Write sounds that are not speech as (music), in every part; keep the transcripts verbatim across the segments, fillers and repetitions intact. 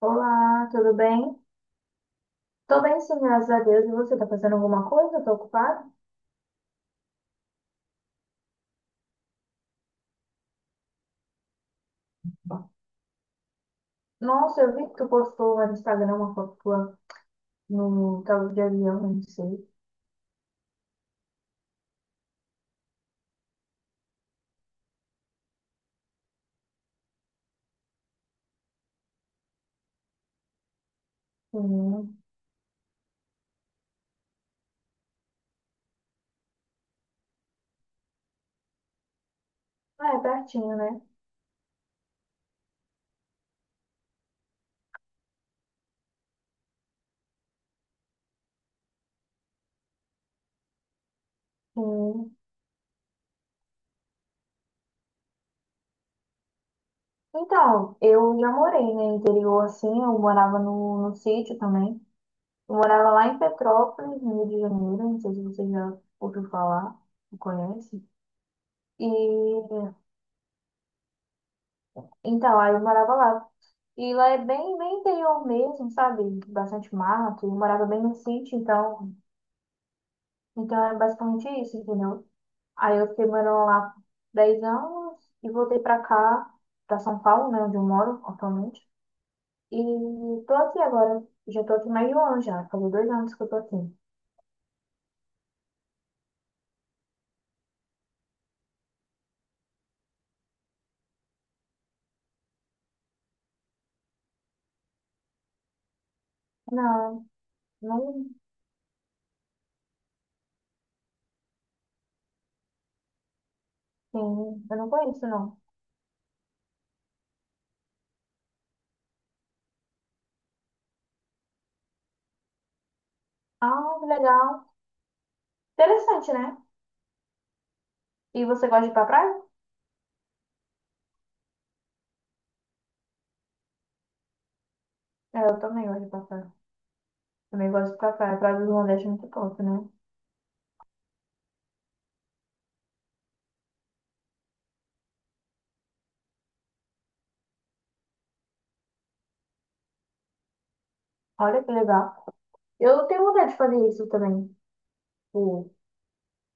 Olá, tudo bem? Tô bem sim, graças a Deus. E você, tá fazendo alguma coisa? Tá ocupado? Nossa, eu vi que tu postou lá no Instagram uma foto tua no tava de avião, não sei. Hum. Ah, é pertinho, né? Sim. Então, eu já morei né, no interior, assim, eu morava no, no, sítio também. Eu morava lá em Petrópolis, no Rio de Janeiro, não sei se você já ouviu falar, não conhece. E, então, aí eu morava lá. E lá é bem, bem interior mesmo, sabe? Bastante mato. Eu morava bem no sítio, então, então é basicamente isso, entendeu? Aí eu fiquei morando lá dez anos e voltei pra cá, pra São Paulo, né, onde eu moro atualmente. E tô aqui agora. Já tô aqui mais de um ano já. Faz dois anos que eu tô aqui. Não, não, sim, eu não conheço, não. Ah, que legal. Interessante, né? E você gosta de ir pra praia? É, eu também gosto de ir pra praia. Também gosto de ir pra praia. A Praia do Nordeste é muito top, né? Olha que legal. Eu tenho vontade de fazer isso também. Tipo,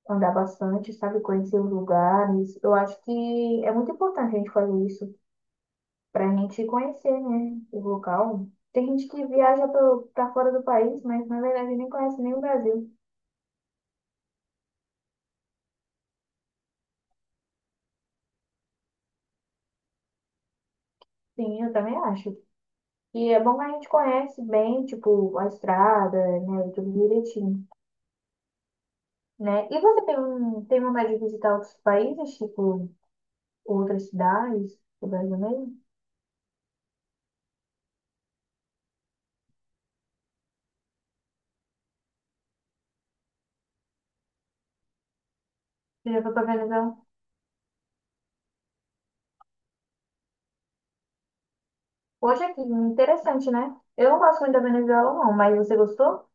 andar bastante, sabe? Conhecer os lugares. Eu acho que é muito importante a gente fazer isso pra gente conhecer, né? O local. Tem gente que viaja pro- pra fora do país, mas na verdade nem conhece nem o Brasil. Sim, eu também acho. E é bom que a gente conhece bem, tipo, a estrada, né? Tudo direitinho, né? E você tem, um, tem vontade de visitar outros países, tipo, outras cidades, do Brasil mesmo? Você já foi pra Venezuela? Hoje aqui, interessante, né? Eu não gosto muito da Venezuela, não, mas você gostou?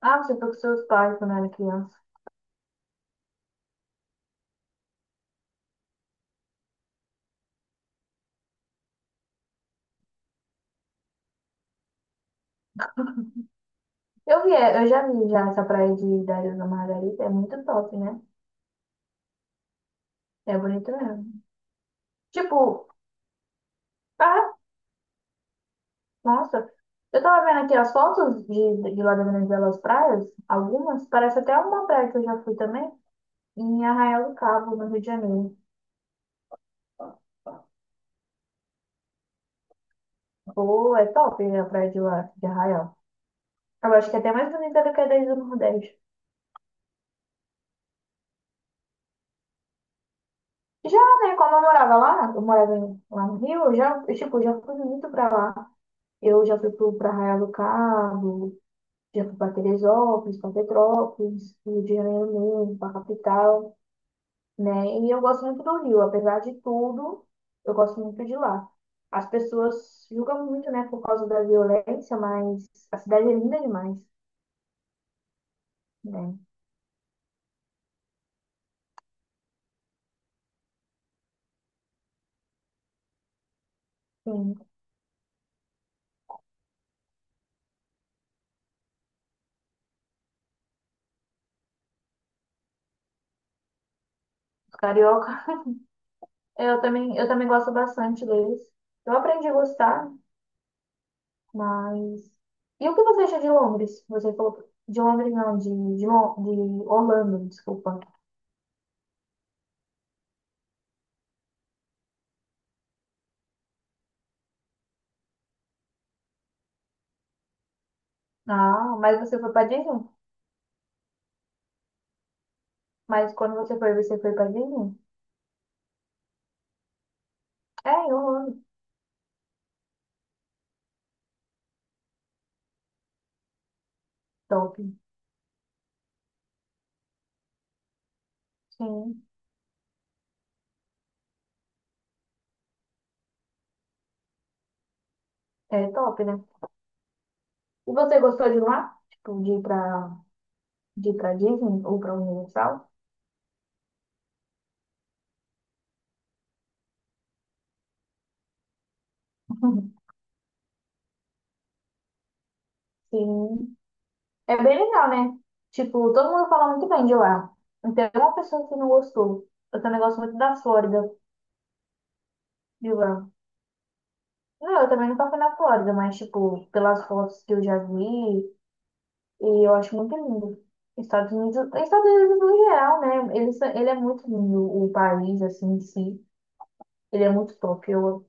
Ah, você foi com seus pais quando era criança. Eu vi, é, eu já vi já essa praia de Dario Ilha da Margarita, é muito top, né? É bonito mesmo. Tipo, ah, nossa, eu tava vendo aqui as fotos de, de, lá da Venezuela, as praias, algumas, parece até uma praia que eu já fui também, em Arraial do Cabo, no Rio de Janeiro. Pô, é top a praia de lá, de Arraial. Eu acho que é até mais bonita do que a da Ilha do Nordeste. Já, né, quando eu morava lá, eu morava em- lá no Rio, eu já, eu, tipo, já fui muito pra lá. Eu já fui pro, pra Arraial do Cabo, já fui pra Teresópolis, pra Petrópolis, Rio de Janeiro mesmo, pra capital, né? E eu gosto muito do Rio, apesar de tudo, eu gosto muito de lá. As pessoas julgam muito, né, por causa da violência, mas a cidade é linda demais, né? Sim, os carioca, eu também, eu também gosto bastante deles. Eu aprendi a gostar, mas. E o que você acha de Londres? Você falou. De Londres, não, de, de, Lon- de Orlando, desculpa. Ah, mas você foi pra Disney? Mas quando você foi, você foi pra Disney? É, em Orlando. Top. Sim. É top, né? E você gostou de lá? Tipo, de ir pra, de ir pra Disney ou pra Universal? (laughs) Sim. É bem legal, né? Tipo, todo mundo fala muito bem de lá. Não tem uma pessoa que não gostou. Eu também gosto muito da Flórida, de lá. Não, eu também nunca fui na Flórida, mas, tipo, pelas fotos que eu já vi, e eu acho muito lindo. Estados Unidos, Estados Unidos no geral, né? Ele, só- ele é muito lindo, o país, assim, em si. Ele é muito top, eu,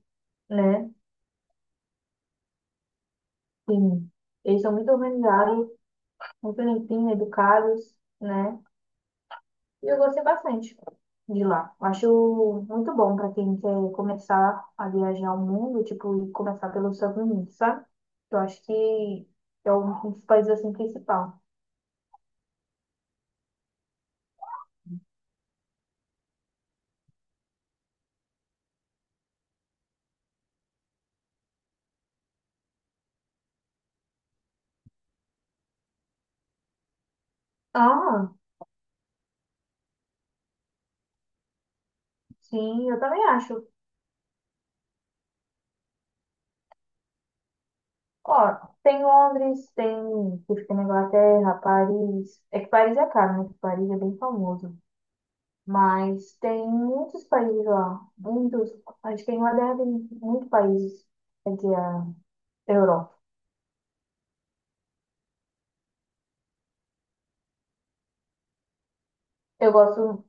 né? Sim. Eles são muito organizados, muito limpinhos, educados, né? E eu gostei bastante de lá. Acho muito bom pra quem quer começar a viajar o mundo, tipo, e começar pelos Estados Unidos, sabe? Eu acho que é um dos países, assim, principal. Ah, sim, eu também acho. Ó, tem Londres, tem que fica na Inglaterra, Paris. É que Paris é caro, né? Que Paris é bem famoso. Mas tem muitos países lá. Muitos. Acho que a Inglaterra tem muitos países. Quer dizer, a Europa. Eu gosto,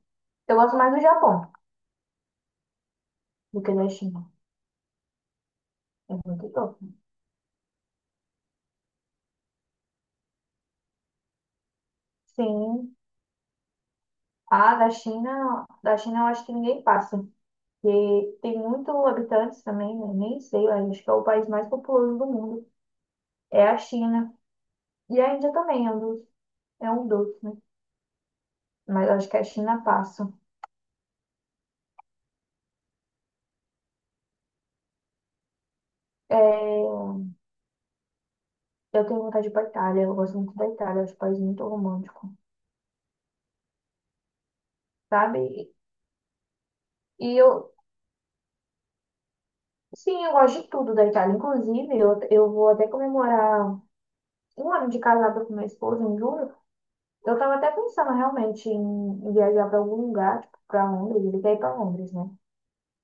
eu gosto mais do Japão do que da China. É muito top. Sim. Ah, da China, da China eu acho que ninguém passa. Porque tem muito habitantes também, né? Nem sei, eu acho que é o país mais populoso do mundo. É a China. E a Índia também é um dos, é um dos, né? Mas acho que a China passa. É, eu tenho vontade de ir pra Itália, eu gosto muito da Itália, acho um país muito romântico, sabe? E eu, sim, eu gosto de tudo da Itália. Inclusive, eu, eu vou até comemorar um ano de casada com minha esposa em julho. Eu tava até pensando realmente em viajar pra algum lugar, tipo, pra Londres, ele quer ir pra Londres, né?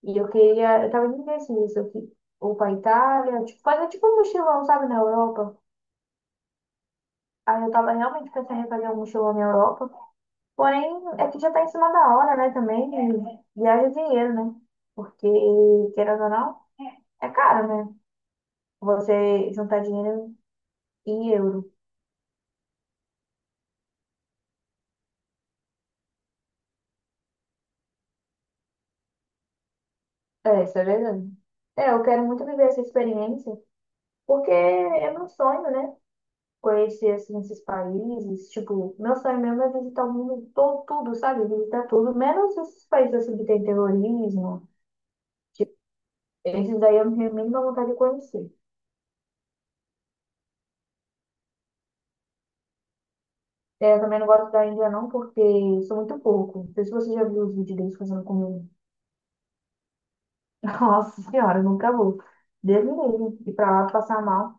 E eu queria, eu tava indecisa, eu que- ou pra Itália, tipo, fazer tipo um mochilão, sabe, na Europa. Aí eu tava realmente pensando em fazer um mochilão na Europa. Porém, é que já tá em cima da hora, né? Também e viaja dinheiro, né? Porque, querendo ou não, é caro, né? Você juntar dinheiro em euro. É, isso é verdade. É, eu quero muito viver essa experiência, porque é meu sonho, né? Conhecer, assim, esses países. Tipo, meu sonho mesmo é visitar o mundo todo, tudo, sabe? Visitar tudo, menos esses países, assim, que tem terrorismo. Tipo, esses daí eu não tenho a mínima vontade de conhecer. É, eu também não gosto da Índia não, porque eu sou muito pouco. Não sei se você já viu os vídeos deles fazendo comida. (laughs) Nossa senhora, eu nunca vou. Deus me livre. E pra lá passar mal.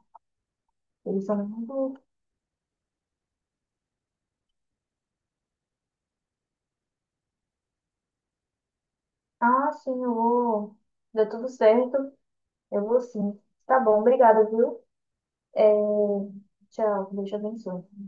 Eles são muito... Ah, sim, eu vou. Deu tudo certo. Eu vou sim. Tá bom, obrigada, viu? É, tchau, Deus te abençoe.